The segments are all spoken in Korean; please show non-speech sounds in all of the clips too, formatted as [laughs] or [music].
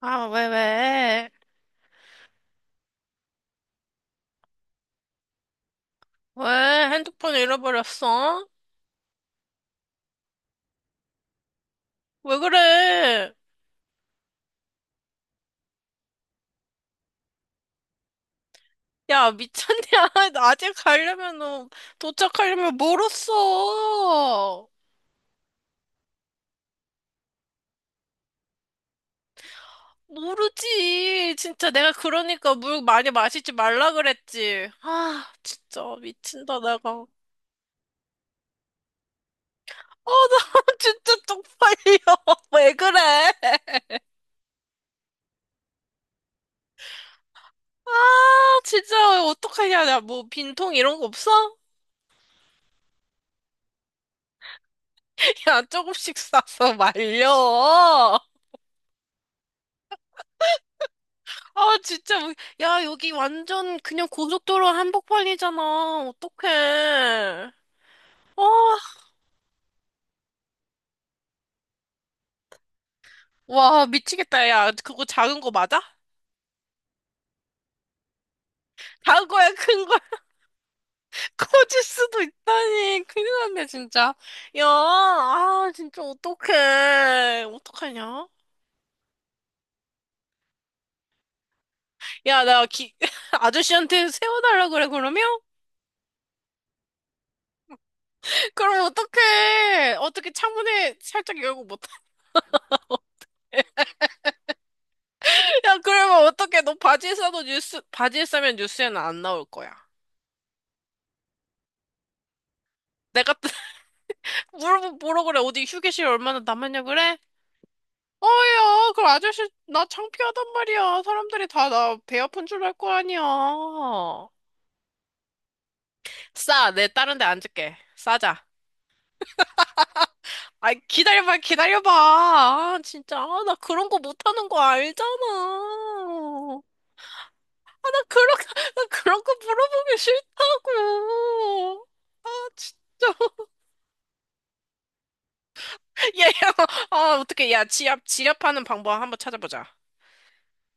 아, 왜, 왜? 왜 핸드폰 잃어버렸어? 왜 그래? 야, 미쳤냐? [laughs] 나 아직 가려면은, 도착하려면 멀었어. 모르지. 진짜 내가 그러니까 물 많이 마시지 말라 그랬지. 아, 진짜 미친다, 내가. 어, 나 [laughs] 진짜 쪽팔려. [laughs] 왜 그래? 아, 진짜 어떡하냐. 나 뭐 빈통 이런 거 없어? [laughs] 야, 조금씩 싸서 말려. 아, 진짜. 야, 여기 완전 그냥 고속도로 한복판이잖아. 어떡해. 아, 와, 미치겠다. 야, 그거 작은 거 맞아? 작은 거야, 큰 거야. [laughs] 커질 수도 있다니. 큰일 났네, 진짜. 야, 아, 진짜 어떡해. 어떡하냐? 야, 나 [laughs] 아저씨한테 세워달라 그래, 그러면? 그럼 어떡해. 어떻게 창문에 살짝 열고 못, [laughs] 야, 그러면 어떡해. 너 바지에 싸도 뉴스, 바지에 싸면 뉴스에는 안 나올 거야. 내가 물어보 뭐라 그래? 어디 휴게실 얼마나 남았냐 그래? 어야, 그 아저씨 나 창피하단 말이야. 사람들이 다 나 배 아픈 줄 알 거 아니야. 싸, 내 다른 데 앉을게. 싸자. 아, 기다려봐, 기다려봐. 아, 진짜, 아, 나 그런 거 못하는 거 알잖아. 아, 나 나 그런 거 물어보기 싫다고. 아, 진짜. [laughs] 야, 야, 아, 어떻게, 야, 지압하는 방법 한번 찾아보자.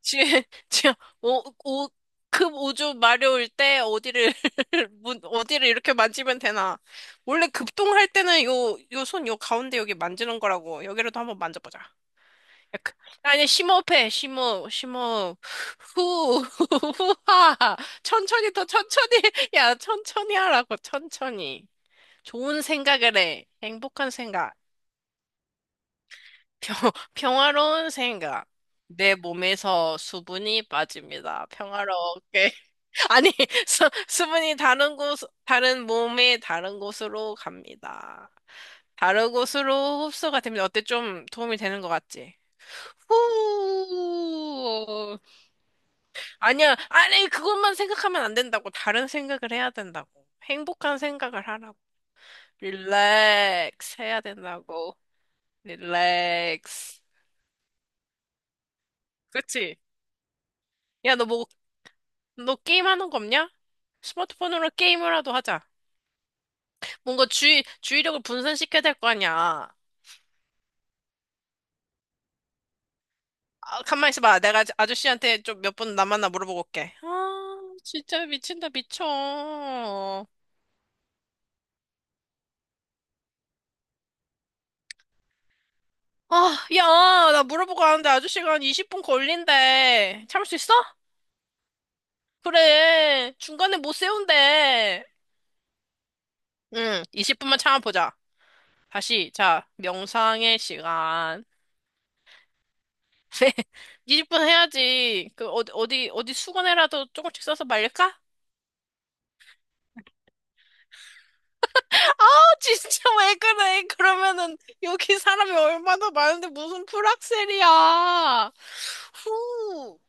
지금, [laughs] 지금, 오, 오, 급 우주 마려울 때 어디를, [laughs] 문, 어디를 이렇게 만지면 되나. 원래 급동할 때는 요, 요 손, 요 가운데 여기 만지는 거라고. 여기라도 한번 만져보자. 약간- 아니, 심호흡, 심호흡. 후, [laughs] 후하. 천천히 더 천천히. [laughs] 야, 천천히 하라고, 천천히. 좋은 생각을 해. 행복한 생각. 평, 평화로운 생각. 내 몸에서 수분이 빠집니다. 평화롭게. 아니, [laughs] 수분이 다른 곳, 다른 몸의 다른 곳으로 갑니다. 다른 곳으로 흡수가 됩니다. 어때? 좀 도움이 되는 것 같지? 후. 아니야, 아니, 그것만 생각하면 안 된다고. 다른 생각을 해야 된다고. 행복한 생각을 하라고. 릴렉스 해야 된다고. 릴렉스. 그치? 야, 너 뭐, 너 게임 하는 거 없냐? 스마트폰으로 게임을 라도 하자. 뭔가 주의력을 분산시켜야 될 거 아니야. 아, 가만 있어봐. 내가 아저씨한테 좀 몇 분 남았나 물어보고 올게. 아, 진짜 미친다, 미쳐. 아, 야, 나 물어보고 가는데 아저씨가 한 20분 걸린대. 참을 수 있어? 그래. 중간에 못 세운대. 응, 20분만 참아보자. 다시, 자, 명상의 시간. [laughs] 20분 해야지. 그, 어디, 어디, 어디 수건에라도 조금씩 써서 말릴까? 아우 진짜 [laughs] 왜 그래? 그러면은 여기 사람이 얼마나 많은데 무슨 풀악셀이야. 후.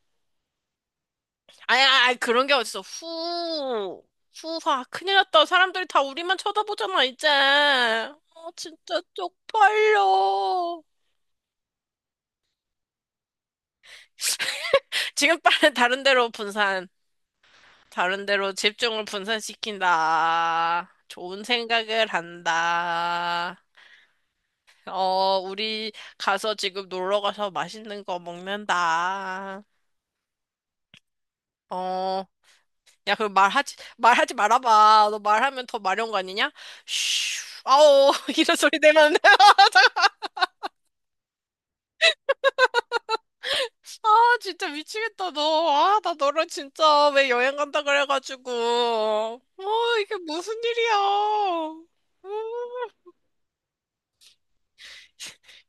아니, 그런 게 어딨어. 후. 후하. 큰일 났다. 사람들이 다 우리만 쳐다보잖아, 이제. 아, 진짜 쪽팔려. [laughs] 지금 빨리 다른 데로 분산. 다른 데로 집중을 분산시킨다. 좋은 생각을 한다. 어, 우리 가서 지금 놀러 가서 맛있는 거 먹는다. 어, 야, 그 말하지 말아봐. 너 말하면 더 마려운 거 아니냐? 슈, 아오, [laughs] 이런 소리 내면. [laughs] 아, 진짜 미치겠다, 너. 아, 나 너랑 진짜 왜 여행 간다 그래가지고. 어, 이게 무슨 일이야. 음.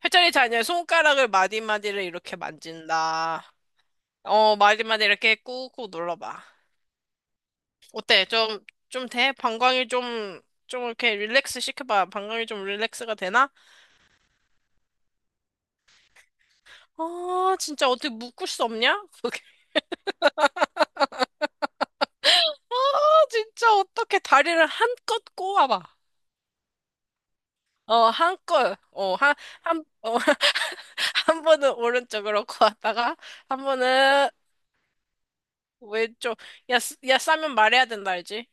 회전이 자녀 손가락을 마디마디를 이렇게 만진다. 어, 마디마디 이렇게 꾹꾹 눌러봐. 어때? 좀 돼? 방광이 좀, 좀 이렇게 릴렉스 시켜봐. 방광이 좀 릴렉스가 되나? 아, 진짜 어떻게 묶을 수 없냐? 그게. 아, 진짜 어떻게 다리를 한껏 꼬아봐. 어, 한껏. 한, 어, [laughs] 한 번은 오른쪽으로 꼬았다가, 한 번은 왼쪽. 야, 야, 싸면 말해야 된다, 알지?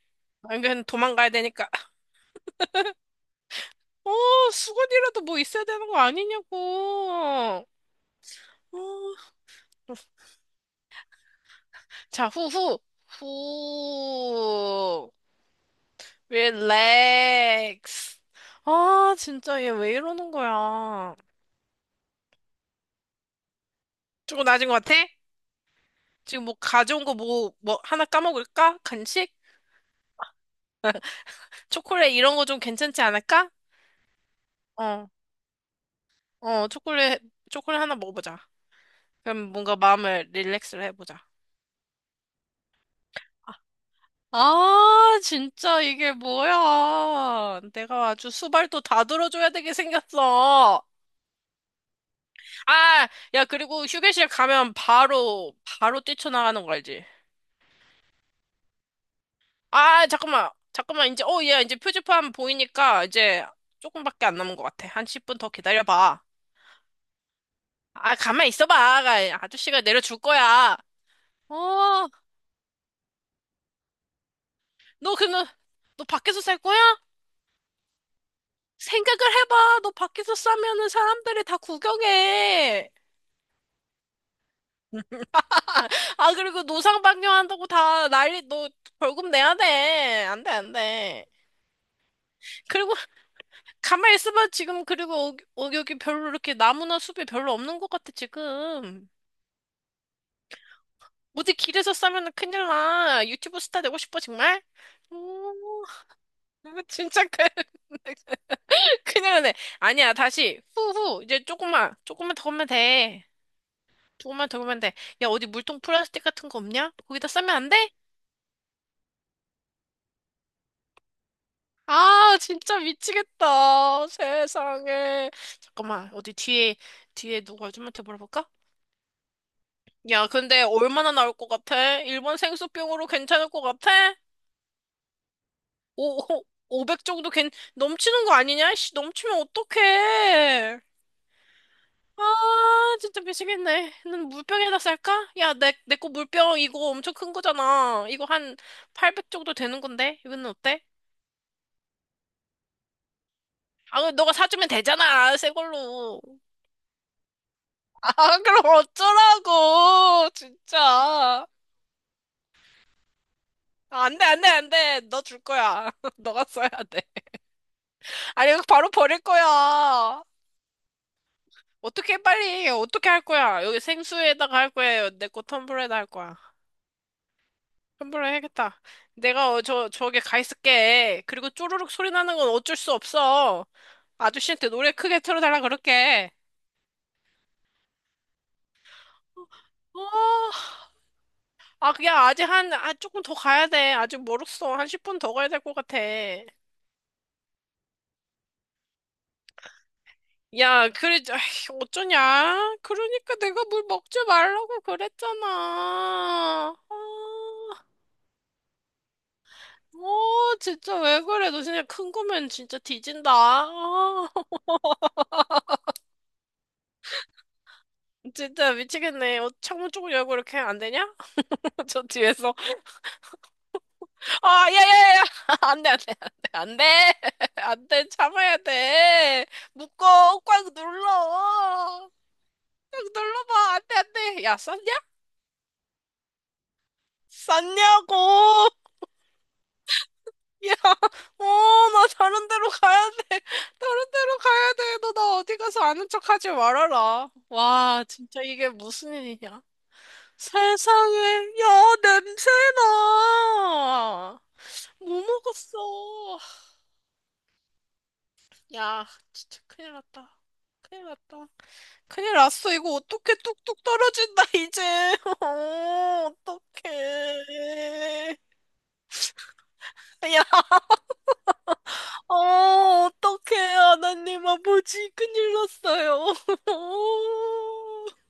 안 그러면 도망가야 되니까. 어, 수건이라도 뭐 있어야 되는 거 아니냐고. 어, 자, 후, 후, 후, 릴렉스. 아, 진짜 얘 왜 이러는 거야. 조금 낮은 것 같아? 지금 뭐 가져온 거 뭐 하나 까먹을까? 간식? 초콜릿 이런 거 좀 괜찮지 않을까? 어, 어, 초콜릿, 초콜릿 하나 먹어보자. 그럼 뭔가 마음을 릴렉스를 해보자. 아, 진짜 이게 뭐야. 내가 아주 수발도 다 들어줘야 되게 생겼어. 아, 야, 그리고 휴게실 가면 바로, 바로 뛰쳐나가는 거 알지? 아, 잠깐만, 잠깐만, 이제, 어, 얘 이제 표지판 보이니까 이제 조금밖에 안 남은 것 같아. 한 10분 더 기다려봐. 아, 가만 있어봐. 아, 아저씨가 내려줄 거야. 어, 너, 그, 너, 너 밖에서 살 거야? 생각을 해봐. 너 밖에서 싸면은 사람들이 다 구경해. 아, 그리고 노상 방뇨한다고 다 난리, 너 벌금 내야 돼. 안 돼, 안 돼. 그리고 가만히 있어봐, 지금. 그리고 여기 별로 이렇게 나무나 숲이 별로 없는 것 같아, 지금. 어디 길에서 싸면 큰일 나. 유튜브 스타 되고 싶어, 정말? 오, [laughs] 진짜 큰- [laughs] 큰일 나네. 아니야, 다시. 후후. 이제 조금만, 조금만 더 오면 돼. 조금만 더 오면 돼. 야, 어디 물통 플라스틱 같은 거 없냐? 거기다 싸면 안 돼? 아, 진짜 미치겠다. 세상에. 잠깐만, 어디 뒤에, 뒤에 누구 아줌마한테 물어볼까? 야, 근데 얼마나 나올 것 같아? 일본 생수병으로 괜찮을 것 같아? 오, 오, 500 정도 넘치는 거 아니냐? 씨, 넘치면 어떡해. 아, 진짜 미치겠네. 난 물병에다 쌀까? 야, 내 거 물병 이거 엄청 큰 거잖아. 이거 한 800 정도 되는 건데? 이거는 어때? 아, 너가 사주면 되잖아. 새 걸로. 아, 그럼 어쩌라고. 진짜. 아, 안 돼. 너 줄 거야. [laughs] 너가 써야 돼. 아니, 이거 바로 버릴 거야. 어떻게 빨리, 어떻게 할 거야? 여기 생수에다가 할 거야. 내 거 텀블러에다 할 거야. 텀블러 해야겠다. 내가 저기 가 있을게. 그리고 쪼르륵 소리 나는 건 어쩔 수 없어. 아저씨한테 노래 크게 틀어달라 그럴게. 어, 어. 아, 그냥 아직 아, 조금 더 가야 돼. 아직 멀었어. 한 10분 더 가야 될 것 같아. 야, 그래, 아이, 어쩌냐? 그러니까 내가 물 먹지 말라고 그랬잖아. 아. 어, 진짜 왜 그래? 너 진짜 큰 거면 진짜 뒤진다. 아, [laughs] 진짜 미치겠네. 어, 창문 쪽을 열고 이렇게 하면 안 되냐? [laughs] 저 뒤에서. 아, 야, 야, 야, [laughs] 야. 안 돼, 안 돼, 안 돼, 안 돼. [laughs] 안 돼, 참아야 돼. 묶어. 꽉 눌러. 꽉 눌러봐. 안 돼, 안 돼. 야, 쌌냐? 쌌냐고. [laughs] 야, 어, 나 다른 데로 가야 돼. 다른 데로 가야 돼. 너 나 어디 가서 아는 척 하지 말아라. 와, 진짜 이게 무슨 일이냐. 세상에, 야, 냄새나! 뭐 먹었어? 야, 진짜 큰일 났다. 큰일 났다. 큰일 났어. 이거 어떻게 뚝뚝 떨어진다, 이제. [laughs] 어, 어떡해. 야, 어, 어떡해. 하나님 아버지, 큰일 났어요. [laughs]